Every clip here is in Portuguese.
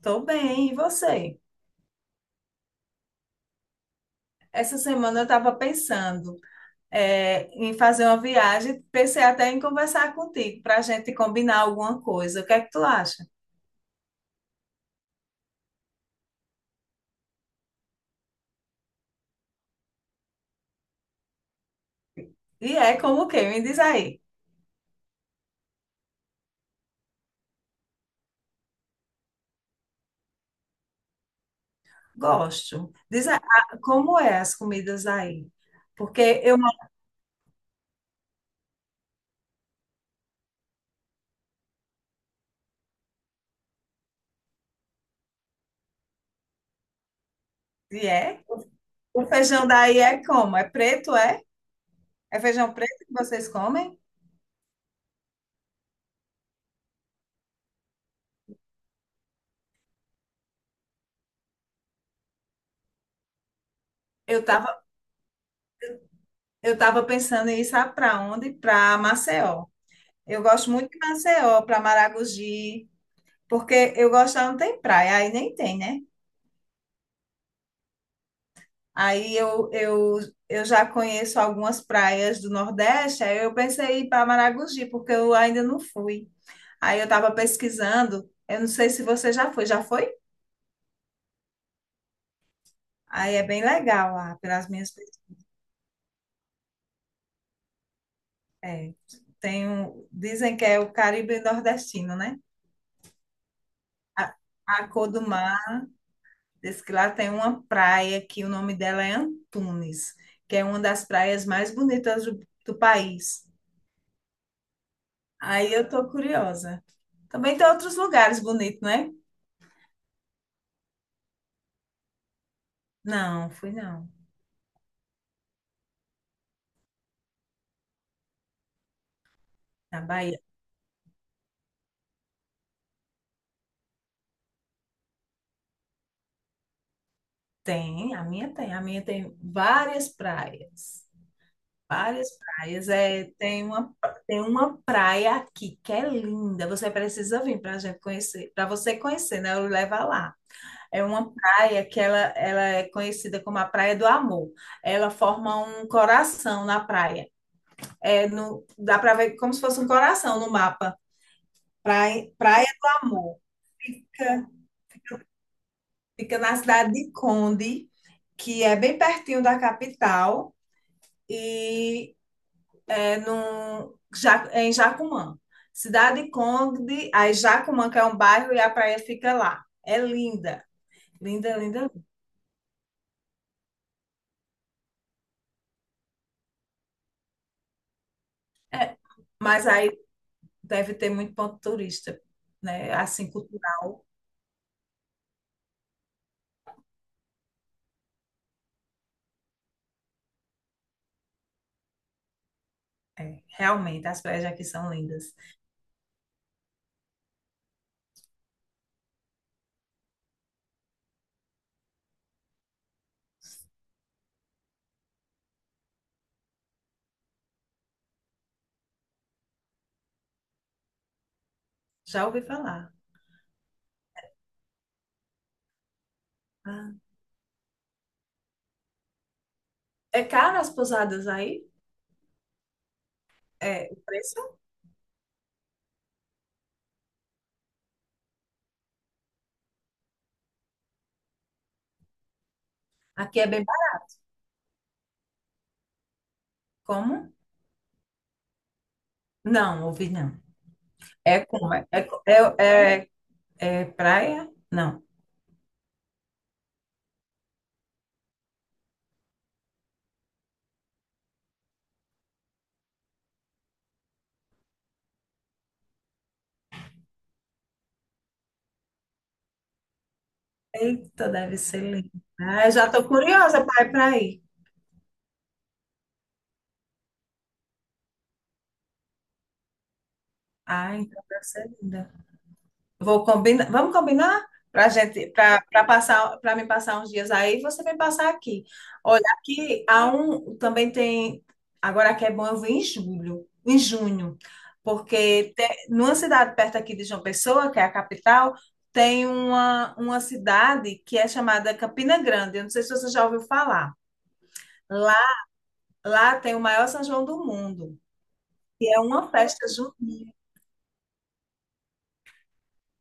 Tô bem, e você? Essa semana eu estava pensando em fazer uma viagem, pensei até em conversar contigo para a gente combinar alguma coisa. O que é que tu acha? E é como o quê? Me diz aí. Gosto. Diz aí, ah, como é as comidas aí? Porque eu e é. O feijão daí é como? É preto, é? É feijão preto que vocês comem? Eu tava, eu tava pensando em ir sabe para onde? Para Maceió. Eu gosto muito de Maceió, para Maragogi. Porque eu gosto, lá não tem praia, aí nem tem, né? Aí eu já conheço algumas praias do Nordeste, aí eu pensei em ir para Maragogi, porque eu ainda não fui. Aí eu estava pesquisando, eu não sei se você já foi, já foi? Aí é bem legal lá, pelas minhas. É, dizem que é o Caribe nordestino, né? A, a cor do mar, diz que lá tem uma praia que o nome dela é Antunes, que é uma das praias mais bonitas do país. Aí eu tô curiosa. Também tem outros lugares bonitos, não é? Não, fui não. Na Bahia tem, a minha tem várias praias. Várias praias. É, tem uma praia aqui que é linda. Você precisa vir para a gente conhecer, para você conhecer, né? Eu levo lá. É uma praia que ela é conhecida como a Praia do Amor. Ela forma um coração na praia. É no, Dá para ver como se fosse um coração no mapa. Praia, Praia do Amor. Fica, fica na cidade de Conde, que é bem pertinho da capital e é em Jacumã. Cidade de Conde, aí Jacumã, que é um bairro, e a praia fica lá. É linda, linda, linda, linda. É, mas aí deve ter muito ponto turista, né? Assim, cultural. É, realmente, as praias aqui são lindas. Já ouvi falar. Ah. É caro as pousadas aí? É, o preço? Aqui é bem barato. Como? Não, ouvi não. É como? É, é, é praia? Não. Eita, deve ser linda. Ah, eu já estou curiosa para ir para aí. Ah, então deve ser linda. Vou combinar, vamos combinar para gente, para passar, para me passar uns dias aí, você vem passar aqui. Olha, aqui há um, também tem, agora aqui é bom eu vir em julho, em junho, porque numa cidade perto aqui de João Pessoa, que é a capital, tem uma cidade que é chamada Campina Grande. Eu não sei se você já ouviu falar. Lá, lá tem o maior São João do mundo, que é uma festa junina.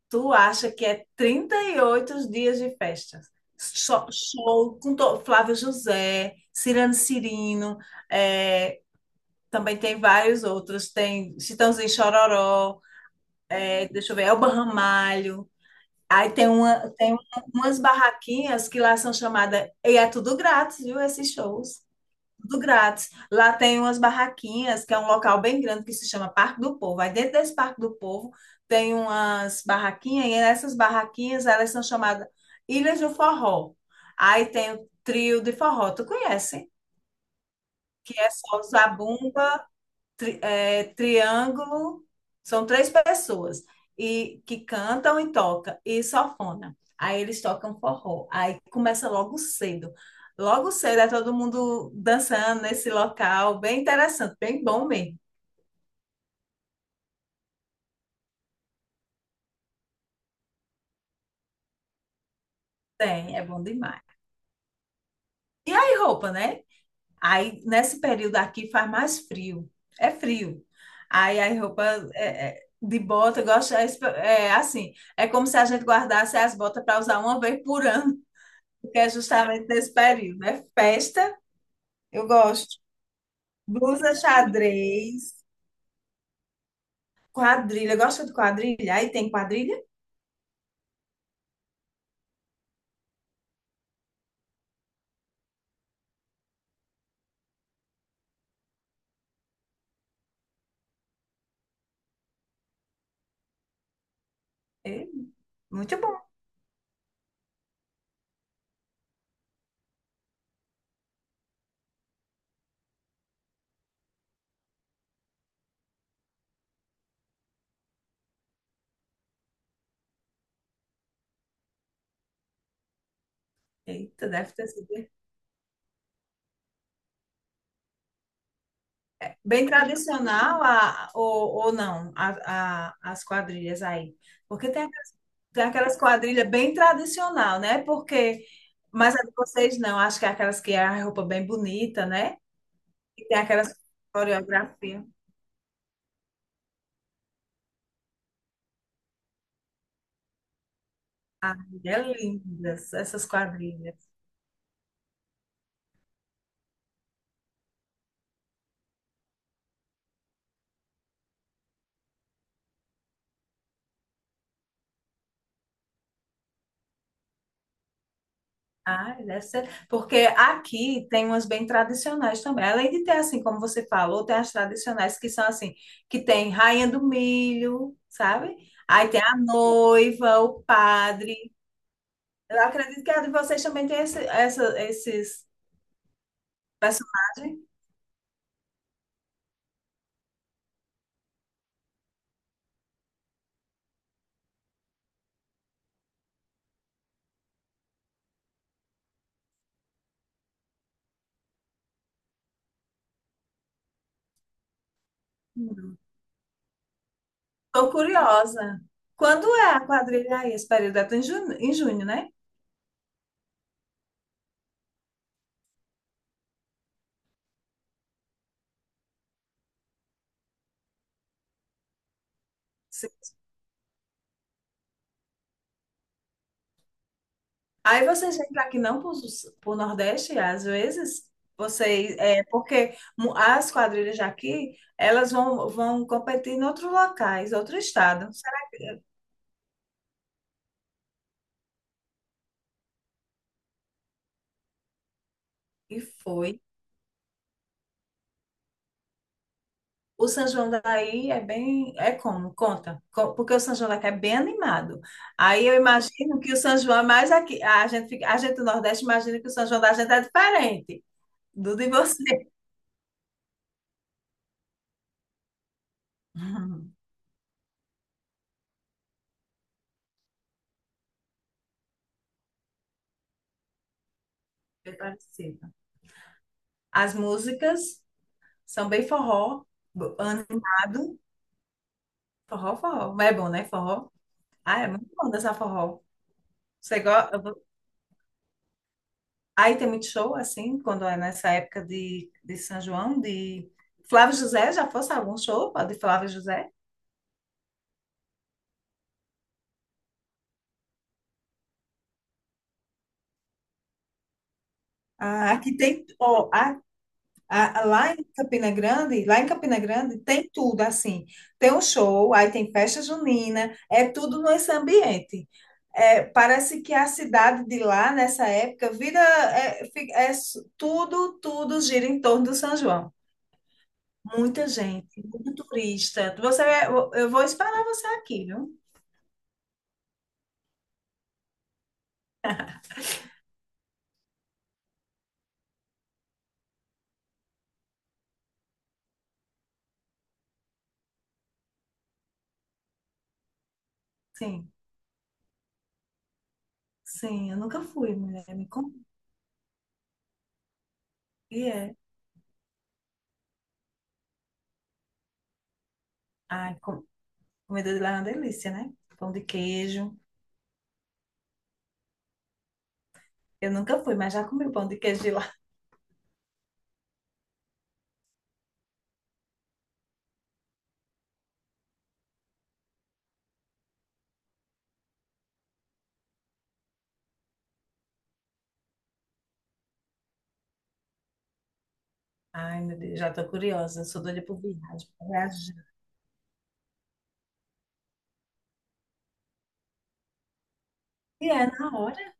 Tu acha que é 38 dias de festa? Show, Flávio José, Cirano Cirino, é, também tem vários outros. Tem Chitãozinho e Chororó, deixa eu ver, Elba Ramalho. Aí tem umas barraquinhas que lá são chamadas. E é tudo grátis, viu? Esses shows. Tudo grátis. Lá tem umas barraquinhas, que é um local bem grande que se chama Parque do Povo. Aí dentro desse Parque do Povo tem umas barraquinhas, e essas barraquinhas elas são chamadas Ilhas do Forró. Aí tem o trio de forró, tu conhece? Que é só os zabumba, triângulo, são três pessoas e que cantam e tocam e sanfona. Aí eles tocam forró. Aí começa logo cedo. Logo cedo é todo mundo dançando nesse local, bem interessante, bem bom mesmo. Tem, é bom demais. E aí roupa, né? Aí nesse período aqui faz mais frio. É frio. Aí a roupa de bota, eu gosto, é assim, é como se a gente guardasse as botas para usar uma vez por ano. Que é justamente nesse período. É festa, eu gosto. Blusa xadrez, quadrilha. Gosta de quadrilha? Aí tem quadrilha? É, muito bom. Eita, deve ter sido bem tradicional a, ou não a, a- as quadrilhas aí. Porque tem aquelas quadrilhas bem tradicional, né? Porque, mas a de vocês não, acho que é aquelas que é a roupa bem bonita, né? E tem aquelas coreografia. Ah, é lindas essas quadrilhas. Ah, deve ser. Porque aqui tem umas bem tradicionais também. Além de ter, assim, como você falou, tem as tradicionais que são assim, que tem Rainha do Milho, sabe? Aí tem a noiva, o padre. Eu acredito que a de vocês também tem esses personagens. Hum. Tô curiosa. Quando é a quadrilha aí? Esse período é em junho, né? Aí vocês vêm para aqui não para o Nordeste, às vezes, vocês, porque as quadrilhas aqui elas vão competir em outros locais, outro estado. Será que foi? O São João daí é bem, é como? Conta. Porque o São João daqui é bem animado. Aí eu imagino que o São João é mais aqui. A gente do Nordeste imagina que o São João da gente é diferente do de você. Bem parecido. As músicas. Samba e forró, animado. Forró, forró. Mas é bom, né? Forró. Ah, é muito bom dançar forró. Você gosta? Aí tem muito show, assim, quando é nessa época de São João, de Flávio José, já fosse algum show de Flávio José? Ah, aqui tem, ó, Lá em Campina Grande tem tudo assim. Tem um show, aí tem festa junina, é tudo nesse ambiente. É, parece que a cidade de lá, nessa época, vira, tudo gira em torno do São João. Muita gente, muito turista. Você, eu vou esperar você aqui, viu? Sim, sim, eu nunca fui, mulher. Me conta. E é. Ai, comida de lá é uma delícia, né? Pão de queijo. Eu nunca fui, mas já comi o pão de queijo de Ai, meu Deus, já tô curiosa, sou doida por viagem, pra viajar. E é na hora,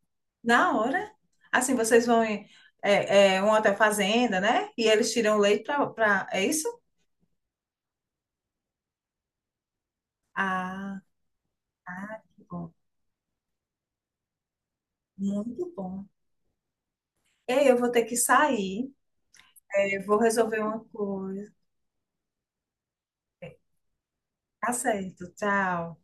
na hora. Assim, vocês vão em um hotel fazenda, né? E eles tiram o leite pra. É isso? Ah, ah, que bom. Muito bom. Ei, eu vou ter que sair, vou resolver uma coisa. Tá certo, tchau.